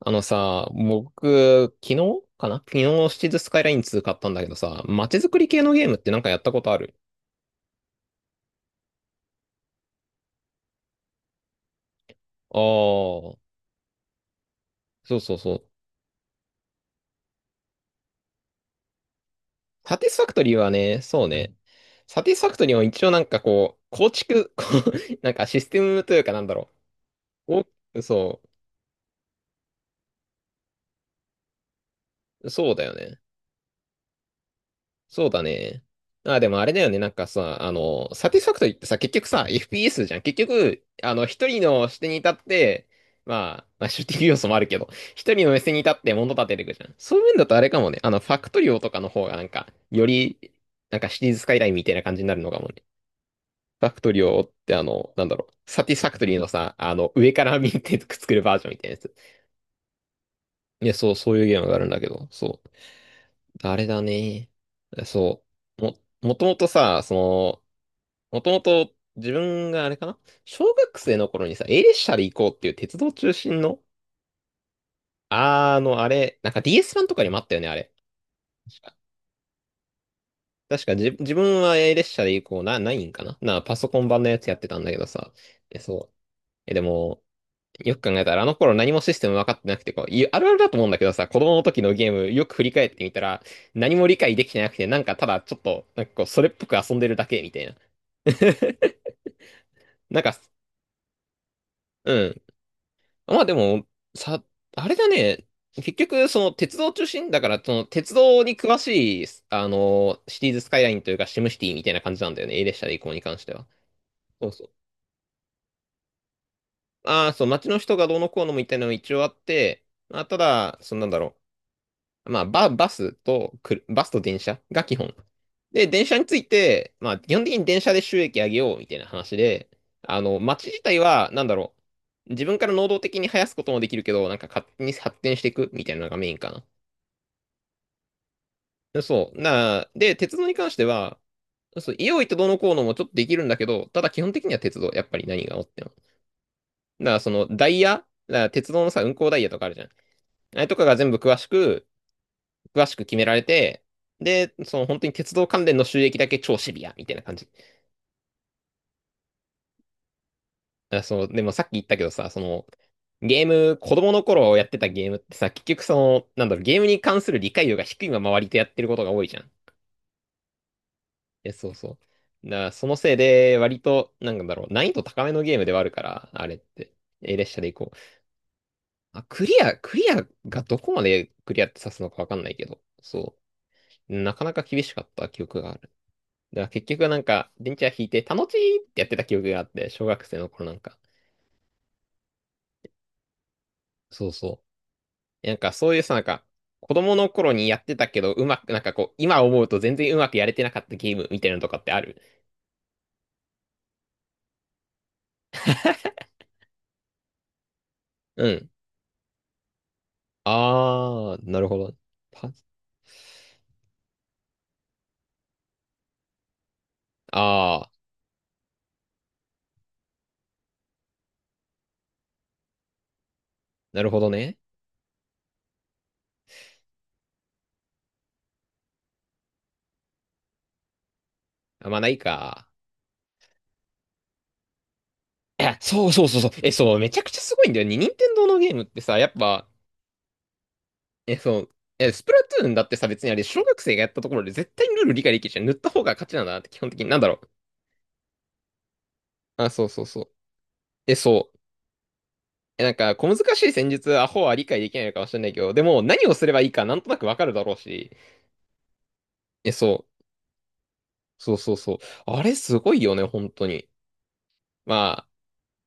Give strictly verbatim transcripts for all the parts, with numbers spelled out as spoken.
あのさ、僕、昨日かな昨日、シティズスカイラインツー買ったんだけどさ、街づくり系のゲームってなんかやったことある？ああー、そうそうそう。サティスファクトリーはね、そうね。サティスファクトリーは一応なんかこう、構築、こう なんかシステムというかなんだろう。お、そう、そうだよね。そうだね。あ、でもあれだよね。なんかさ、あの、サティスファクトリーってさ、結局さ、エフピーエス じゃん。結局、あの、一人の視点に立って、まあ、まあ、シューティング要素もあるけど、一人の目線に立って物立てていくじゃん。そういう面だとあれかもね。あの、ファクトリオとかの方がなんか、より、なんかシリーズスカイラインみたいな感じになるのかもね。ファクトリオってあの、なんだろう、サティスファクトリーのさ、あの、上から見てくっつけるバージョンみたいなやつ。いや、そう、そういうゲームがあるんだけど、そう。あれだね。そう。も、もともとさ、その、もともと自分があれかな小学生の頃にさ、A 列車で行こうっていう鉄道中心の、あの、あれ、なんか ディーエス 版とかにもあったよね、あれ。確か、確かじ自分は A 列車で行こうな、ないんかなな、パソコン版のやつやってたんだけどさ。え、そう。え、でも、よく考えたらあの頃何もシステム分かってなくて、こう、いあるあるだと思うんだけどさ、子供の時のゲームよく振り返ってみたら、何も理解できてなくて、なんかただちょっと、なんかこう、それっぽく遊んでるだけみたいな。なんか、うん。まあでも、さ、あれだね。結局、その鉄道中心だから、その鉄道に詳しい、あの、シティーズスカイラインというかシムシティみたいな感じなんだよね。A 列車で移行こうに関しては。そうそう。ああ、そう、街の人がどうのこうのみたいなのも一応あって、まあ、ただ、そのなんだろう。まあ、バ、バスとくる、バスと電車が基本。で、電車について、まあ、基本的に電車で収益上げようみたいな話で、あの、街自体は、なんだろう、自分から能動的に生やすこともできるけど、なんか勝手に発展していくみたいなのがメインかな。そう。な、で、鉄道に関しては、そう、イオイとどうのこうのもちょっとできるんだけど、ただ基本的には鉄道、やっぱり何があっても。だから、その、ダイヤ、だから鉄道のさ、運行ダイヤとかあるじゃん。あれとかが全部詳しく、詳しく決められて、で、その本当に鉄道関連の収益だけ超シビアみたいな感じ。あ、そう、でもさっき言ったけどさ、その、ゲーム、子供の頃やってたゲームってさ、結局その、なんだろう、ゲームに関する理解度が低いまま割とやってることが多いじゃん。え、そうそう。だからそのせいで、割と、なんだろう、難易度高めのゲームではあるから、あれって。え、列車で行こう。あ、クリア、クリアがどこまでクリアって指すのかわかんないけど、そう。なかなか厳しかった記憶がある。だから結局なんか、電池は引いて、楽しいってやってた記憶があって、小学生の頃なんか。そうそうなんかそういうさ、なんか、子供の頃にやってたけど、うまく、なんかこう、今思うと全然うまくやれてなかったゲームみたいなのとかってある？うん。あー、なるほど。パあー、なるほどね。あ、まあないか。いや、そうそうそうそう。え、そう、めちゃくちゃすごいんだよね。任天堂のゲームってさ、やっぱ、え、そう、え、スプラトゥーンだってさ、別にあれ、小学生がやったところで絶対にルール理解できるじゃん。塗った方が勝ちなんだなって、基本的に。なんだろう。あ、そうそうそう。え、そう。え、なんか、小難しい戦術、アホは理解できないのかもしれないけど、でも、何をすればいいか、なんとなくわかるだろうし。え、そう。そうそうそう。あれ、すごいよね、本当に。ま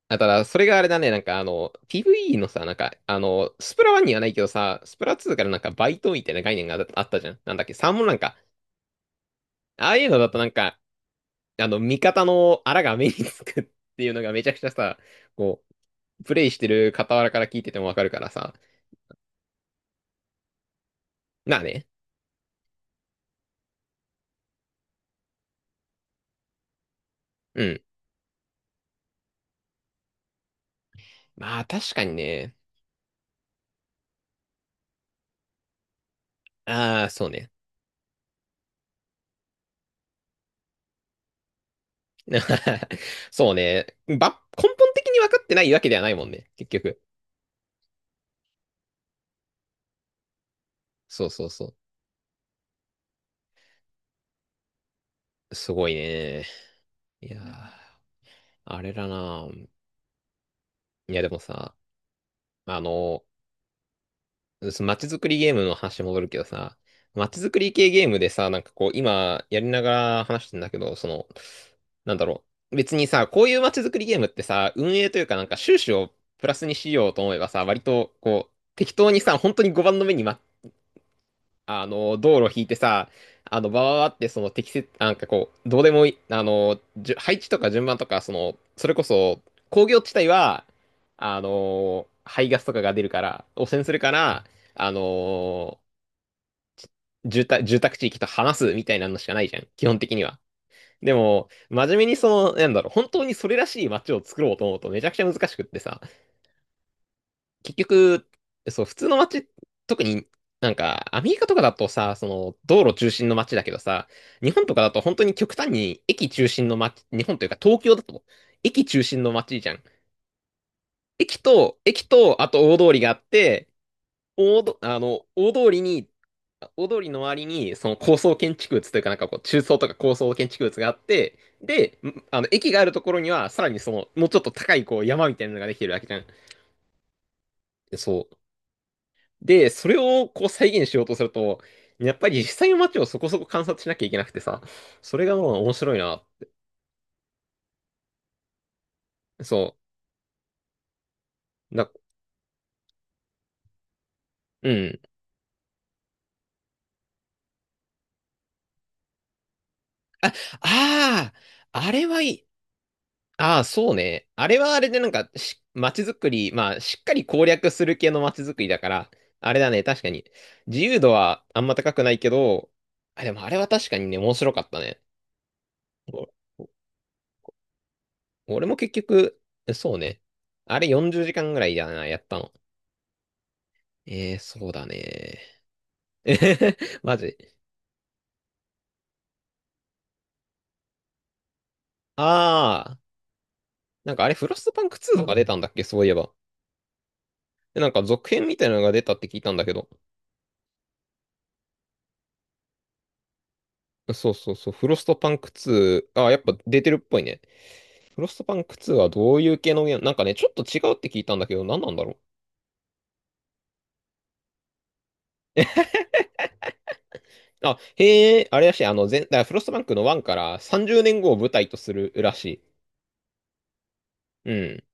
あ、あただ、それがあれだね、なんか、あの、ピーブイイー のさ、なんか、あの、スプラワンにはないけどさ、スプラツーからなんか、バイトみたいな概念があったじゃん。なんだっけ、サーモンなんか、ああいうのだとなんか、あの、味方のアラが目につくっていうのがめちゃくちゃさ、こう、プレイしてる傍らから聞いててもわかるからさ。なあね。うん。まあ確かにね。ああ、そうね。そうね。ば、根本的に分かってないわけではないもんね。結局。そうそうそう。すごいね。いやー、あれだな。いや、でもさ、あの、そ街づくりゲームの話戻るけどさ、街づくり系ゲームでさ、なんかこう、今やりながら話してんだけど、その、なんだろう。別にさ、こういう街づくりゲームってさ、運営というかなんか収支をプラスにしようと思えばさ、割とこう、適当にさ、本当にごばんの目にまあの、道路引いてさ、あの、バーってその適切、なんかこう、どうでもいい、あの、じゅ配置とか順番とか、その、それこそ、工業地帯は、あの、排ガスとかが出るから、汚染するから、あの、住宅、住宅地域と話すみたいなのしかないじゃん、基本的には。でも、真面目にその、なんだろう、本当にそれらしい街を作ろうと思うとめちゃくちゃ難しくってさ、結局、そう、普通の街、特になんか、アメリカとかだとさ、その、道路中心の街だけどさ、日本とかだと本当に極端に駅中心の街、日本というか東京だと、駅中心の街じゃん。駅と、駅と、あと大通りがあって、大ど、あの、大通りに、大通りの周りに、その高層建築物というか、なんかこう、中層とか高層建築物があって、で、んあの、駅があるところには、さらにその、もうちょっと高い、こう、山みたいなのができてるわけじゃん。そう。で、それをこう再現しようとすると、やっぱり実際の街をそこそこ観察しなきゃいけなくてさ、それがもう面白いな。そう。な、うん。あ、ああ、あれはいい。ああ、そうね。あれはあれでなんかし、街づくり、まあ、しっかり攻略する系の街づくりだから、あれだね、確かに。自由度はあんま高くないけど、あ、でもあれは確かにね、面白かったね。おお俺も結局、そうね。あれよんじゅうじかんぐらいだな、やったの。えー、そうだね。えへへマジ。ああ、なんかあれ、フロストパンクツーとか出たんだっけ、そういえば。で、なんか続編みたいなのが出たって聞いたんだけど。そうそうそう、フロストパンクツー、ああ、やっぱ出てるっぽいね。フロストパンクツーはどういう系のゲームなんかね、ちょっと違うって聞いたんだけど、何なんだろう。あ、へえ、あれらしい、あの、全、だからフロストパンクのワンからさんじゅうねんごを舞台とするらしい。うん。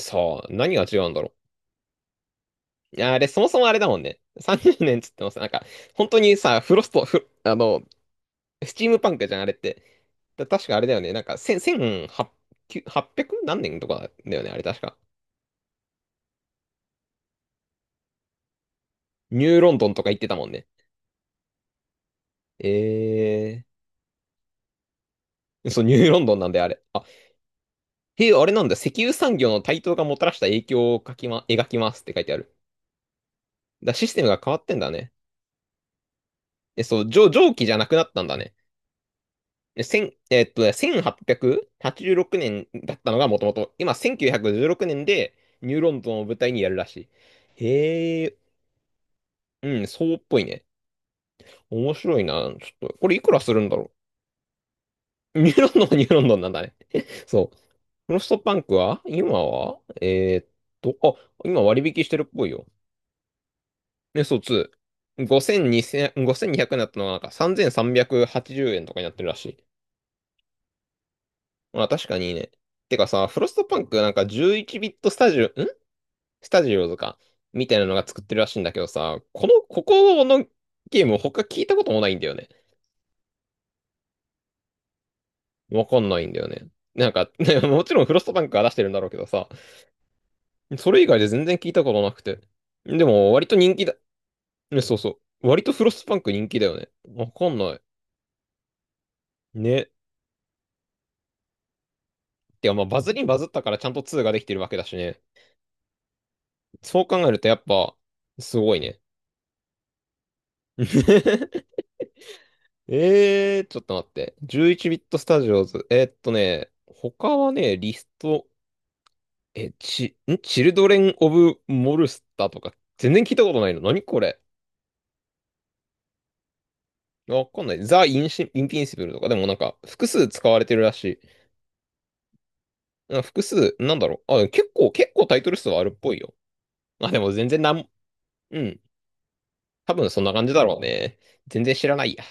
さあ、何が違うんだろう。あれ、そもそもあれだもんね。さんじゅうねんっつってます。なんか、本当にさ、フロスト、フ、あの、スチームパンクじゃん、あれって。だ確かあれだよね。なんか、千、千八、九八百何年とかだよね、あれ確か。ニューロンドンとか言ってたもんね。えー。そう、ニューロンドンなんであれ。あ、へえ、あれなんだ。石油産業の台頭がもたらした影響を書きま、描きますって書いてある。だ、システムが変わってんだね。え、そう、蒸、蒸気じゃなくなったんだね。え、千、えーっとね、せんはっぴゃくはちじゅうろくねんだったのがもともと、今せんきゅうひゃくじゅうろくねんでニューロンドンを舞台にやるらしい。へえ、うん、そうっぽいね。面白いな。ちょっと、これいくらするんだろう。ニューロンドンはニューロンドンなんだね。そう。フロストパンクは今はえーっと、あ、今割引してるっぽいよ。ね、そう、ツー。ごせんにひゃく、ごせんにひゃくにひゃくになったのがなんかさんぜんさんびゃくはちじゅうえんとかになってるらしい。まあ確かにいいね。てかさ、フロストパンクなんかじゅういちビットスタジオ、んスタジオズか。みたいなのが作ってるらしいんだけどさ、この、ここのゲーム他聞いたこともないんだよね。わかんないんだよね。なんか、ね、もちろんフロストパンクが出してるんだろうけどさ、それ以外で全然聞いたことなくて。でも、割と人気だ。ね、そうそう。割とフロスパンク人気だよね。わかんない。ね。てか、まあ、バズりにバズったからちゃんとツーができてるわけだしね。そう考えるとやっぱ、すごいね。えー、ちょっと待って。じゅういちビットスタジオズ。えーっとね、他はね、リスト、え、ち、んチルドレン・オブ・モルスターとか、全然聞いたことないの。何これ。わかんない。ザ・インシ、インピンシブルとか、でもなんか、複数使われてるらしい。うん、複数、なんだろう。あ、結構、結構タイトル数はあるっぽいよ。まあ、でも全然なん、うん。多分そんな感じだろうね。全然知らないや。